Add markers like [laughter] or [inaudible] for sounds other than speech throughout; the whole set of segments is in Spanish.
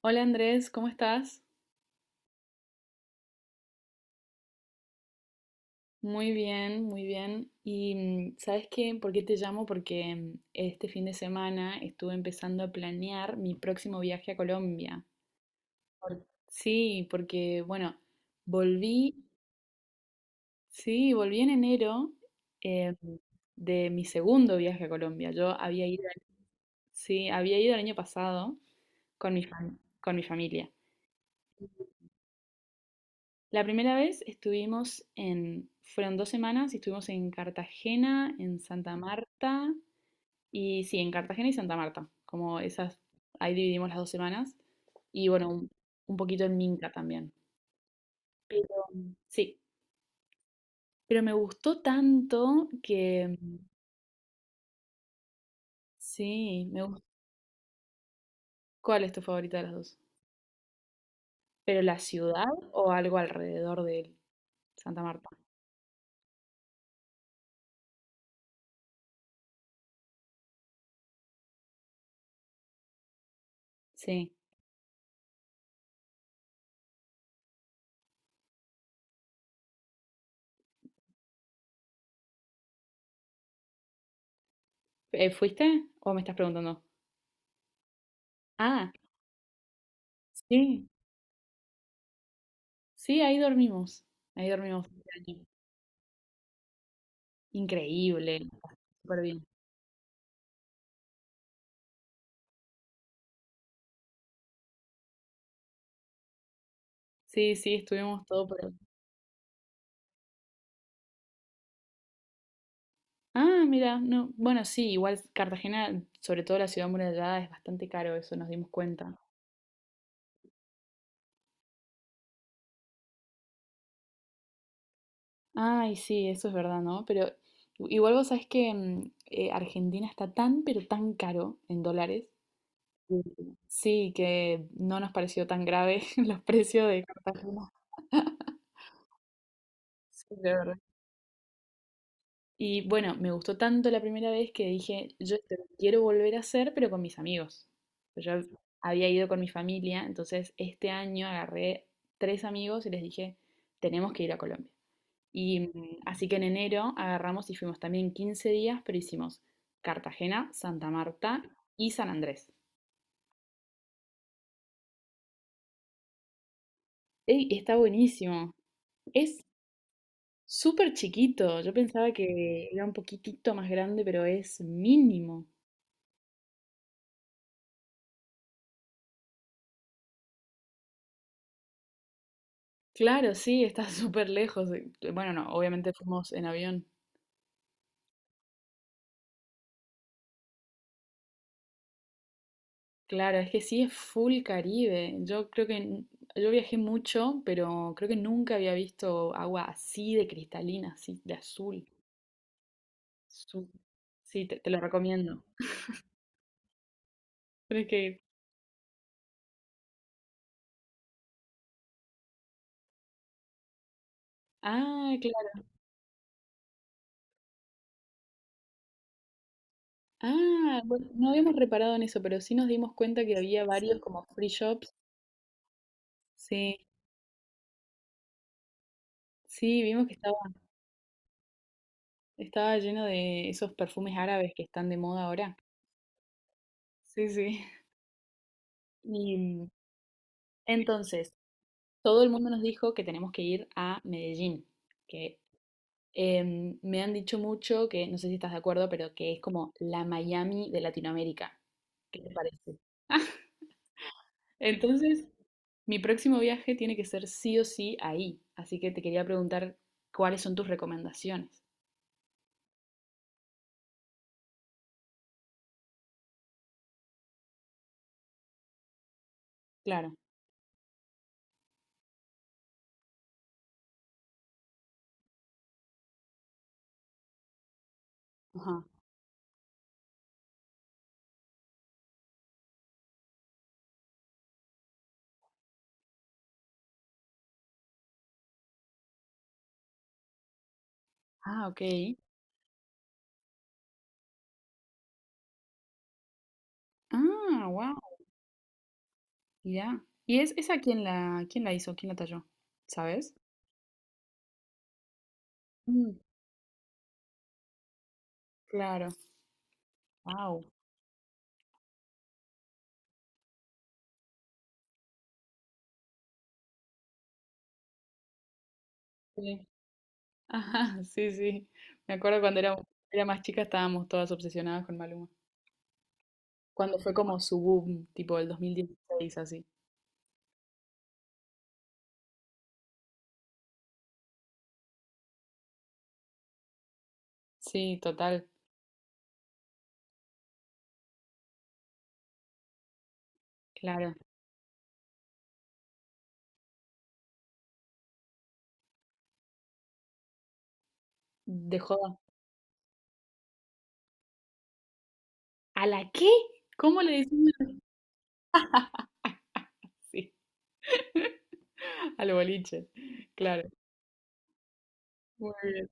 Hola Andrés, ¿cómo estás? Muy bien, muy bien. Y ¿sabes qué? ¿Por qué te llamo? Porque este fin de semana estuve empezando a planear mi próximo viaje a Colombia. Sí, porque bueno, volví, sí, volví en enero eh, de mi segundo viaje a Colombia. Yo había ido, sí, había ido el año pasado con mi familia. La primera vez estuvimos en, fueron 2 semanas y estuvimos en Cartagena, en Santa Marta, y sí, en Cartagena y Santa Marta, como esas, ahí dividimos las 2 semanas, y bueno, un poquito en Minca también. Pero sí, pero me gustó tanto que sí, me gustó. ¿Cuál es tu favorita de las dos? ¿Pero la ciudad o algo alrededor de Santa Marta? Sí. ¿Fuiste o me estás preguntando? Ah, sí. Sí, ahí dormimos. Ahí dormimos este año. Increíble. Súper bien. Sí, sí, estuvimos todo por ahí. Ah, mira, no. Bueno, sí, igual Cartagena, sobre todo la ciudad amurallada, es bastante caro, eso nos dimos cuenta. Ay, sí, eso es verdad, ¿no? Pero igual vos sabés que Argentina está tan, pero tan caro en dólares. que- Sí, que no nos pareció tan grave [laughs] los precios de Cartagena. Sí, de verdad. Y bueno, me gustó tanto la primera vez que dije, yo esto lo quiero volver a hacer, pero con mis amigos. Pues yo había ido con mi familia, entonces este año agarré tres amigos y les dije, tenemos que ir a Colombia. Y así que en enero agarramos y fuimos también 15 días, pero hicimos Cartagena, Santa Marta y San Andrés. Ey, está buenísimo. Es súper chiquito. Yo pensaba que era un poquitito más grande, pero es mínimo. Claro, sí, está [laughs] súper lejos. Bueno, no, obviamente fuimos en avión. Claro, es que sí es full Caribe. Yo creo que yo viajé mucho, pero creo que nunca había visto agua así de cristalina, así de azul. Su- Sí, te lo recomiendo. Tienes que ir. Ah, claro. Ah, bueno, no habíamos reparado en eso, pero sí nos dimos cuenta que había varios como free shops. Sí, sí, vimos que estaba lleno de esos perfumes árabes que están de moda ahora. Sí, sí. Y entonces, todo el mundo nos dijo que tenemos que ir a Medellín, que me han dicho mucho que, no sé si estás de acuerdo, pero que es como la Miami de Latinoamérica. ¿Qué te parece? Entonces, mi próximo viaje tiene que ser sí o sí ahí, así que te quería preguntar cuáles son tus recomendaciones. Claro. Ajá. Ah, ok. Ah, wow. Ya. ¿Y es esa quién la hizo? ¿Quién la talló? ¿Sabes? Mm, claro. Wow. Ajá, sí, sí. Me acuerdo cuando era más chica estábamos todas obsesionadas con Maluma. Cuando fue como su boom, tipo el 2016 así. Sí, total, claro. De joda. ¿A la qué? ¿Cómo le decimos? [laughs] Sí, al boliche. Claro. Muy bien.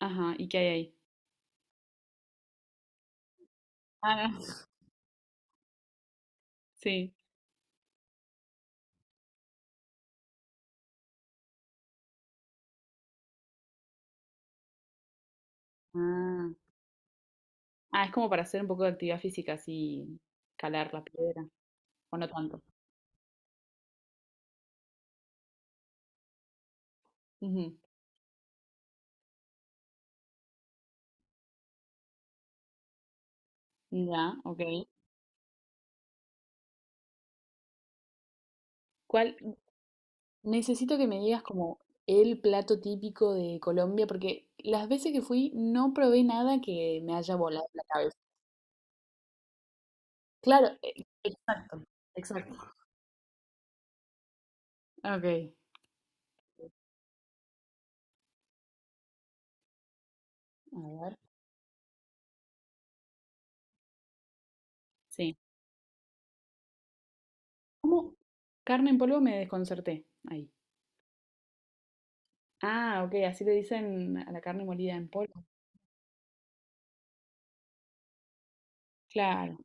Ajá, ¿y qué hay ahí? Ah, sí. Ah. Ah, es como para hacer un poco de actividad física, así, calar la piedra, o no tanto. Ujú. Ya, ok. ¿Cuál, Necesito que me digas como el plato típico de Colombia, porque las veces que fui no probé nada que me haya volado la cabeza. Claro, exacto, exacto. Ok. A ver, sí. ¿Cómo? Carne en polvo me desconcerté. Ahí. Ah, ok, así le dicen a la carne molida en polvo. Claro.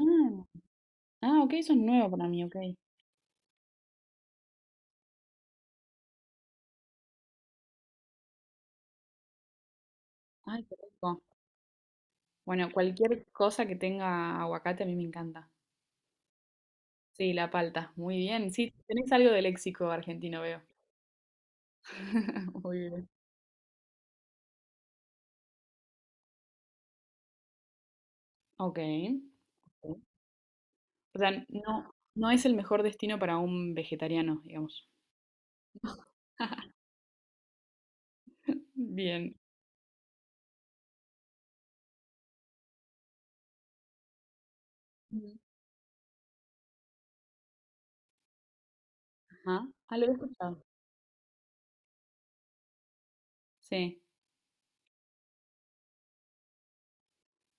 Ah, ah, ok, eso es nuevo para mí, ok. Ay, qué rico. Bueno, cualquier cosa que tenga aguacate a mí me encanta. Sí, la palta. Muy bien. Sí, tenés algo de léxico argentino, veo. [laughs] Muy bien. Ok. Ok. O sea, no, no es el mejor destino para un vegetariano, digamos. [laughs] Bien. Mm. Ajá. Ah, lo he escuchado. Sí.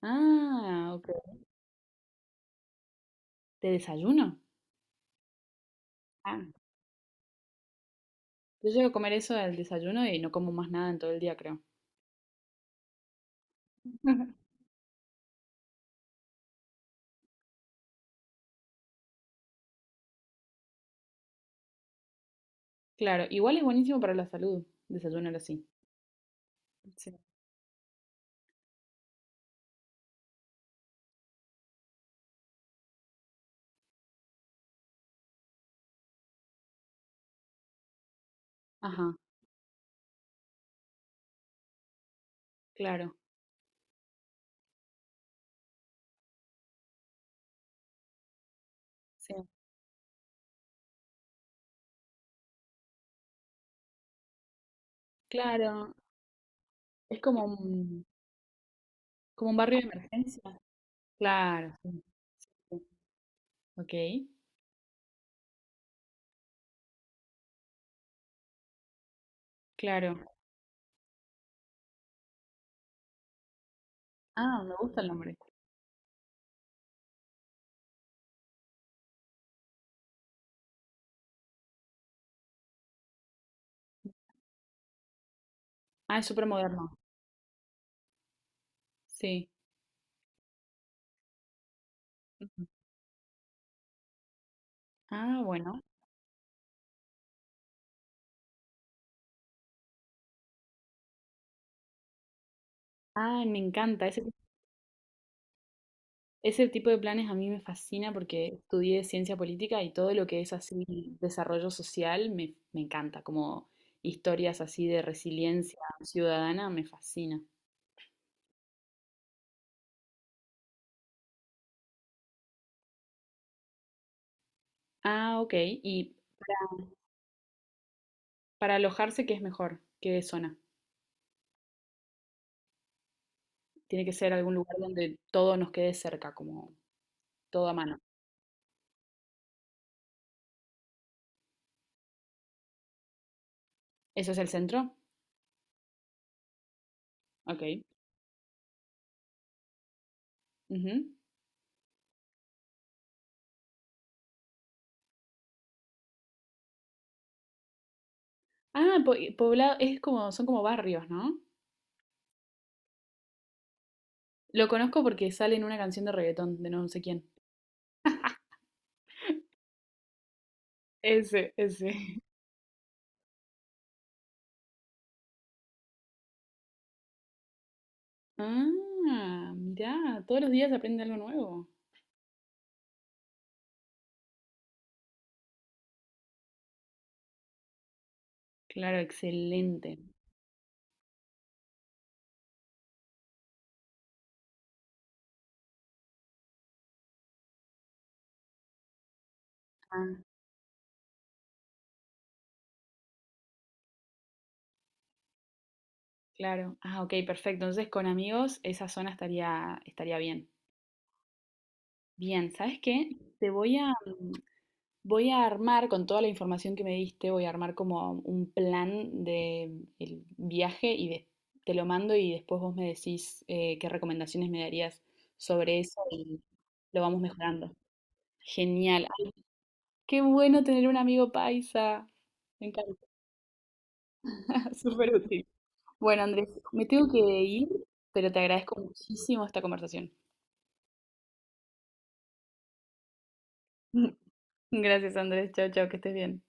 Ah, ok. ¿De desayuno? Ah, yo llego a comer eso al desayuno y no como más nada en todo el día, creo. [laughs] Claro, igual es buenísimo para la salud, desayunar así. Sí. Ajá, claro. Sí. Claro, es como un barrio de emergencia. Claro, sí, sí. Ok, claro. Ah, me gusta el nombre. Ah, es súper moderno. Sí. Ujú. Ah, bueno. Ah, me encanta. Ese tipo de planes a mí me fascina porque estudié ciencia política y todo lo que es así desarrollo social me encanta, como historias así de resiliencia ciudadana me fascina. Ah, ok. ¿Y para alojarse qué es mejor? ¿Qué zona? Tiene que ser algún lugar donde todo nos quede cerca, como todo a mano. ¿Eso es el centro? Ok. Ujú. Ah, poblado, es como, son como barrios, ¿no? Lo conozco porque sale en una canción de reggaetón de no sé quién. Ese, ese. [laughs] Ah, mirá, todos los días aprende algo nuevo. Claro, excelente. Ah, claro. Ah, ok, perfecto. Entonces con amigos esa zona estaría bien. Bien, ¿sabes qué? Te voy a, mm, voy a armar con toda la información que me diste, voy a armar como un plan de el viaje y te lo mando y después vos me decís qué recomendaciones me darías sobre eso y lo vamos mejorando. Genial. Ay, qué bueno tener un amigo paisa. Me encanta. [laughs] Súper útil. Bueno, Andrés, me tengo que ir, pero te agradezco muchísimo esta conversación. [laughs] Gracias, Andrés. Chao, chao, que estés bien.